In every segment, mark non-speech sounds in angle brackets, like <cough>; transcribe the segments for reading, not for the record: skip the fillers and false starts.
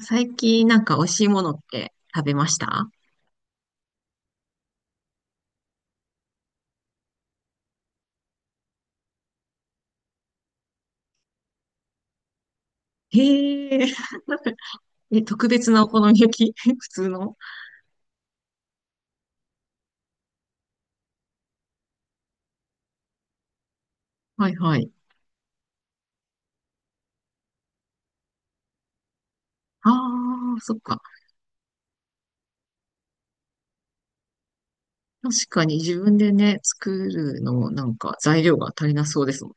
最近なんか美味しいものって食べました？へえ、え、特別なお好み焼き <laughs> 普通の？はいはい。ああ、そっか。確かに自分でね、作るのなんか材料が足りなそうですもん。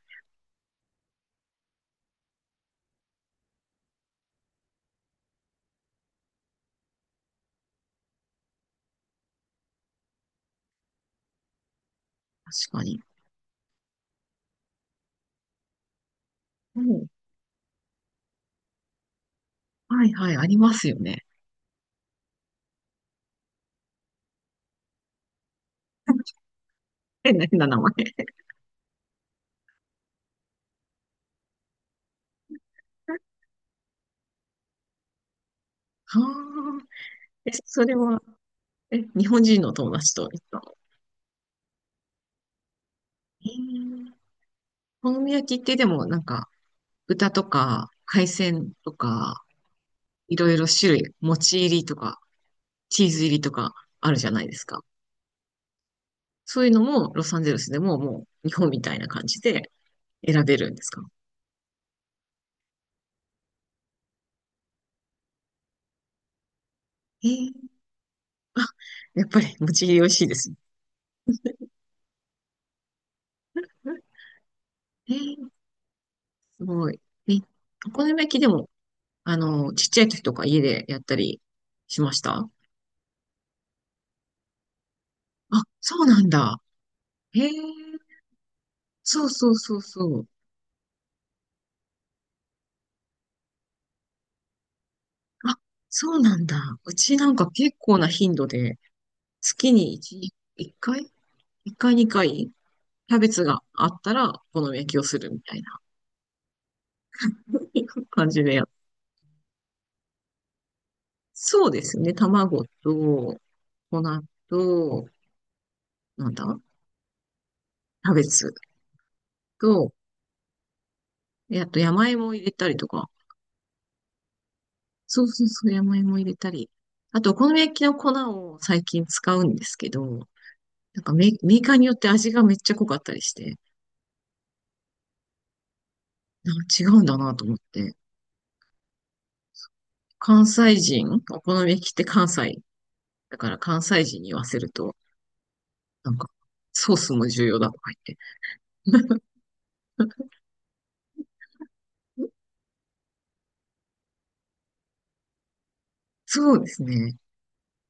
確かに。うん。はいはい、ありますよね。<laughs> 変な変な名前。ああ、え、それは、え、日本人の友達と行ったの？へえ、お好み焼きってでもなんか豚とか海鮮とかいろいろ種類、餅入りとかチーズ入りとかあるじゃないですか。そういうのもロサンゼルスでももう日本みたいな感じで選べるんですか？えー、あ、やっぱり餅入り美味しいです。えー、すごい。え、お好み焼きでも、あの、ちっちゃい時とか家でやったりしました？あ、そうなんだ。へえ、そうそうそうそう。あ、そうなんだ。うちなんか結構な頻度で、月に1、1回 ?1 回2回にかいキャベツがあったら、お好み焼きをするみたいな。<laughs> いう感じでやっ。そうですね。卵と、粉と、なんだ、キャベツと、であと山芋を入れたりとか。そうそうそう、山芋入れたり。あと、お好み焼きの粉を最近使うんですけど、なんかメメーカーによって味がめっちゃ濃かったりして、なんか違うんだなと思って。関西人、お好み焼きって関西。だから関西人に言わせると、なんか、ソースも重要だとか言って。<laughs> そうですね。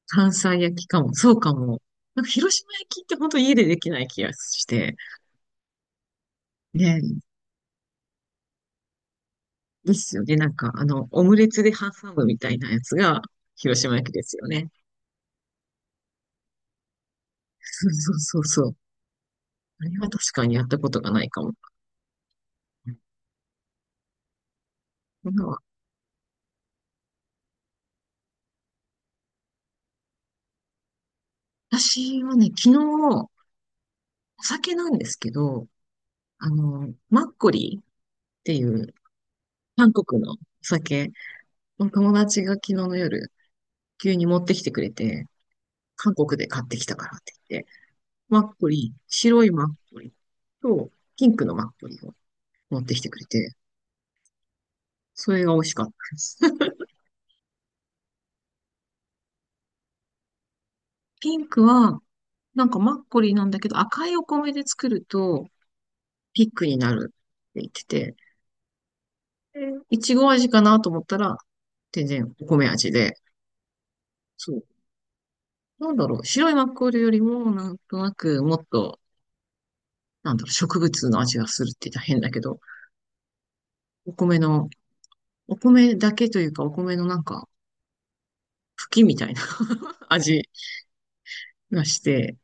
関西焼きかも。そうかも。なんか広島焼きって本当家でできない気がして。ねえ、ですよね。なんかあの、オムレツで挟むみたいなやつが広島焼きですよね。そうそうそうそう。あれは確かにやったことがないかも。なんか私はね、昨日、お酒なんですけど、あの、マッコリーっていう韓国のお酒、友達が昨日の夜、急に持ってきてくれて、韓国で買ってきたからって言って、マッコリー、白いマッコリと、ピンクのマッコリを持ってきてくれて、それが美味しかったです。<laughs> ピンクは、なんかマッコリなんだけど、赤いお米で作ると、ピックになるって言ってて、でいちご味かなと思ったら、全然お米味で、そう。なんだろう、白いマッコリよりも、なんとなく、もっと、なんだろう、植物の味がするって言ったら変だけど、お米の、お米だけというか、お米のなんか、茎みたいな <laughs> 味がして、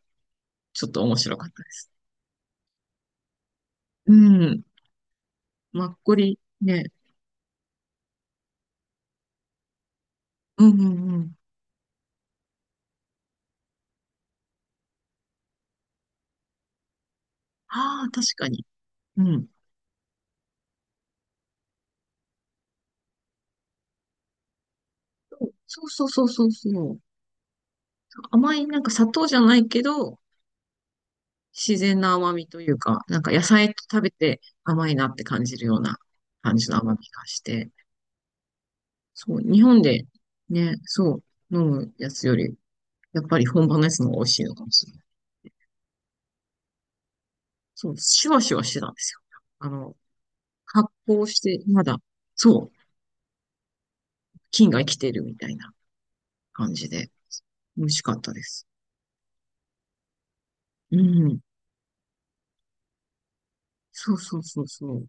ちょっと面白かったです。うん。マッコリね、うんうんうん。ああ、確かに。うん。そうそうそうそうそう。甘い、なんか砂糖じゃないけど、自然な甘みというか、なんか野菜と食べて甘いなって感じるような感じの甘みがして。そう、日本でね、そう、飲むやつより、やっぱり本場のやつの方が美味しいのかもしれない。そう、シュワシュワしてたんですよ。あの、発酵して、まだ、そう、菌が生きてるみたいな感じで、美味しかったです。うん。そうそうそうそう。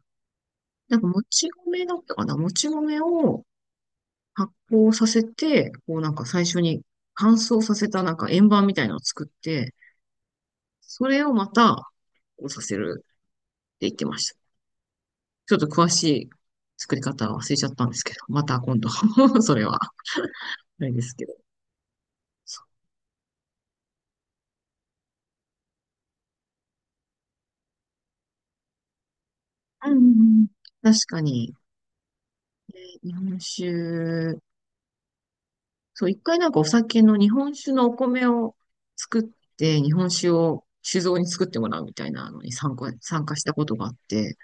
なんかもち米だったかな、もち米を発酵させて、こうなんか最初に乾燥させたなんか円盤みたいなのを作って、それをまた発酵させるって言ってました。ちょっと詳しい作り方は忘れちゃったんですけど、また今度 <laughs> それは、あれですけど。うんうんうん。確かに、日本酒、そう、一回なんかお酒の日本酒のお米を作って、日本酒を酒造に作ってもらうみたいなのに参加したことがあって、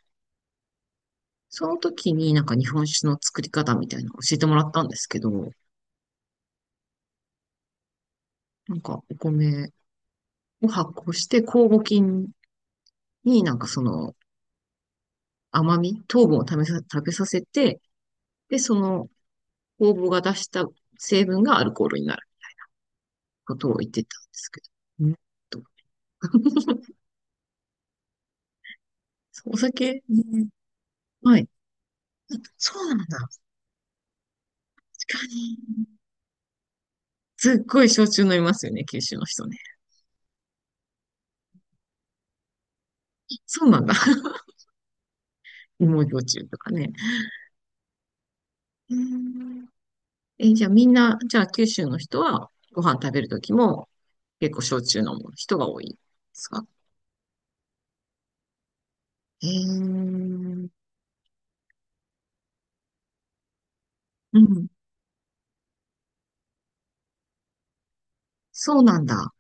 その時になんか日本酒の作り方みたいなのを教えてもらったんですけど、なんかお米を発酵して酵母菌になんかその甘み、糖分を食べさせて、で、その酵母が出した成分がアルコールになることを言ってたんですけど。うんとお酒、ね、はい。そうなんだ。確かに。すっごい焼酎飲みますよね、九州の人ね。そうなんだ。芋焼酎とかね。うん、え、じゃあみんな、じゃあ九州の人はご飯食べるときも結構焼酎飲む人が多いですか？えー、うん、そうなんだ。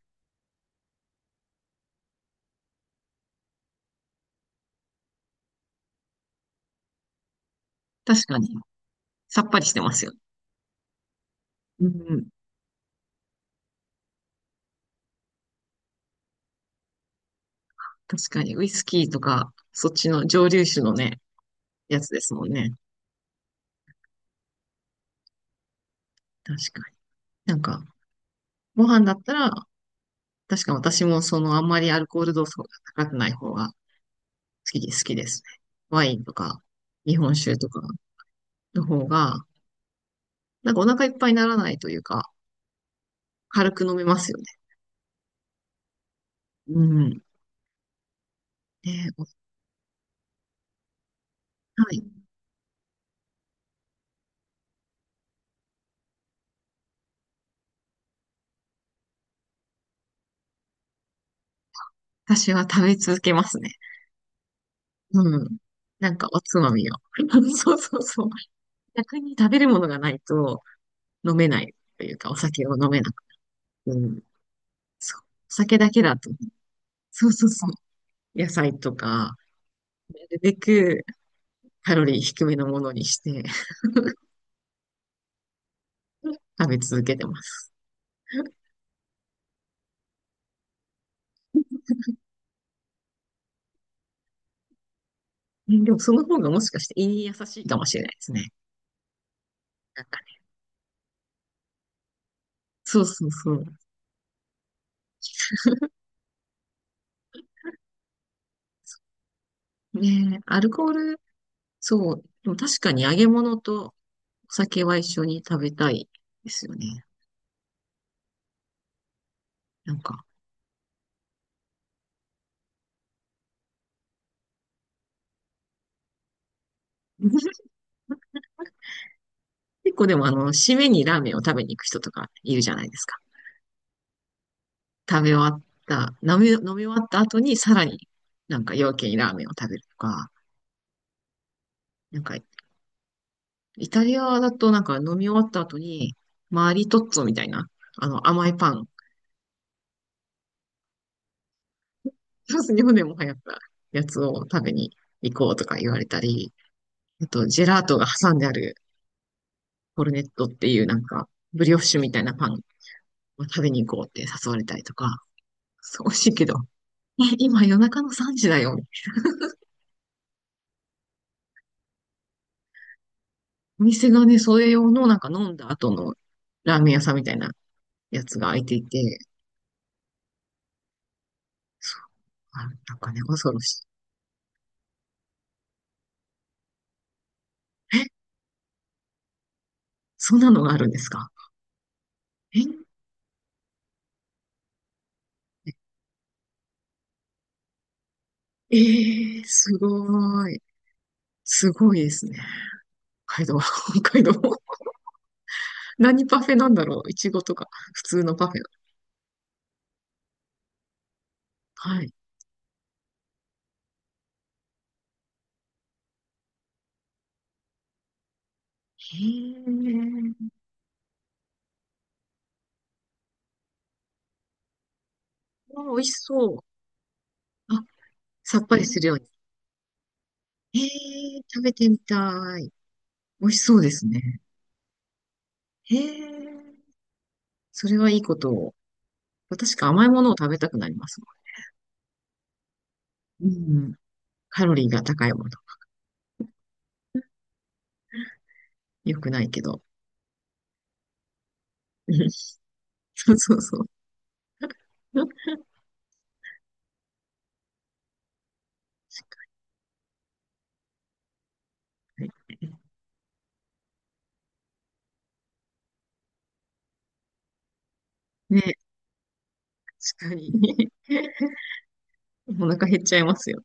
確かに。さっぱりしてますよ。うん、確かに。ウイスキーとか、そっちの蒸留酒のね、やつですもんね。確かに。なんか、ご飯だったら、確か私もそのあんまりアルコール度数が高くない方が好きで、好きですね。ワインとか、日本酒とかの方が、なんかお腹いっぱいにならないというか、軽く飲めますよね。うん。で、おはい。私は食べ続けますね。うん。なんかおつまみを。<laughs> そうそうそう。逆に食べるものがないと飲めないというか、お酒を飲めなくて。うん。そう。お酒だけだと。そうそうそう。野菜とか、なるべくカロリー低めのものにして <laughs> 食べ続けてます。<laughs> ね、でもその方がもしかして胃に優しいかもしれないですね。なんかね。そうそうそう。ねえアルコール、そう。でも確かに揚げ物とお酒は一緒に食べたいですよね。なんか、<laughs> 結構でもあの、締めにラーメンを食べに行く人とかいるじゃないですか。食べ終わった、飲み終わった後にさらになんか夜明けにラーメンを食べるとか、なんか、イタリアだとなんか飲み終わった後に、マリトッツォみたいな、あの甘いパン、<laughs> フランス、日本でも流行ったやつを食べに行こうとか言われたり、あとジェラートが挟んであるコルネットっていうなんか、ブリオッシュみたいなパンを食べに行こうって誘われたりとか、そう、美味しいけど。<laughs> え、今夜中の3時だよ。お店がね、それ用のなんか飲んだ後のラーメン屋さんみたいなやつが開いていて、そう、あ、なんかね、恐ろしい。え、そんなのがあるんですか？え、えー、すごい。すごいですね。北海道、<laughs> 北海道。何パフェなんだろう。いちごとか、普通のパフェ。はい。へえ、あ、美味しそう。あ、さっぱりするように。へえ、食べてみたい。美味しそうですね。へえ。それはいいことを。確か甘いものを食べたくなりますもん。うん。カロリーが高いもの。良くないけど。<laughs> うん、そうそうそう。はい、ね、確かに。<laughs> お腹減っちゃいますよ。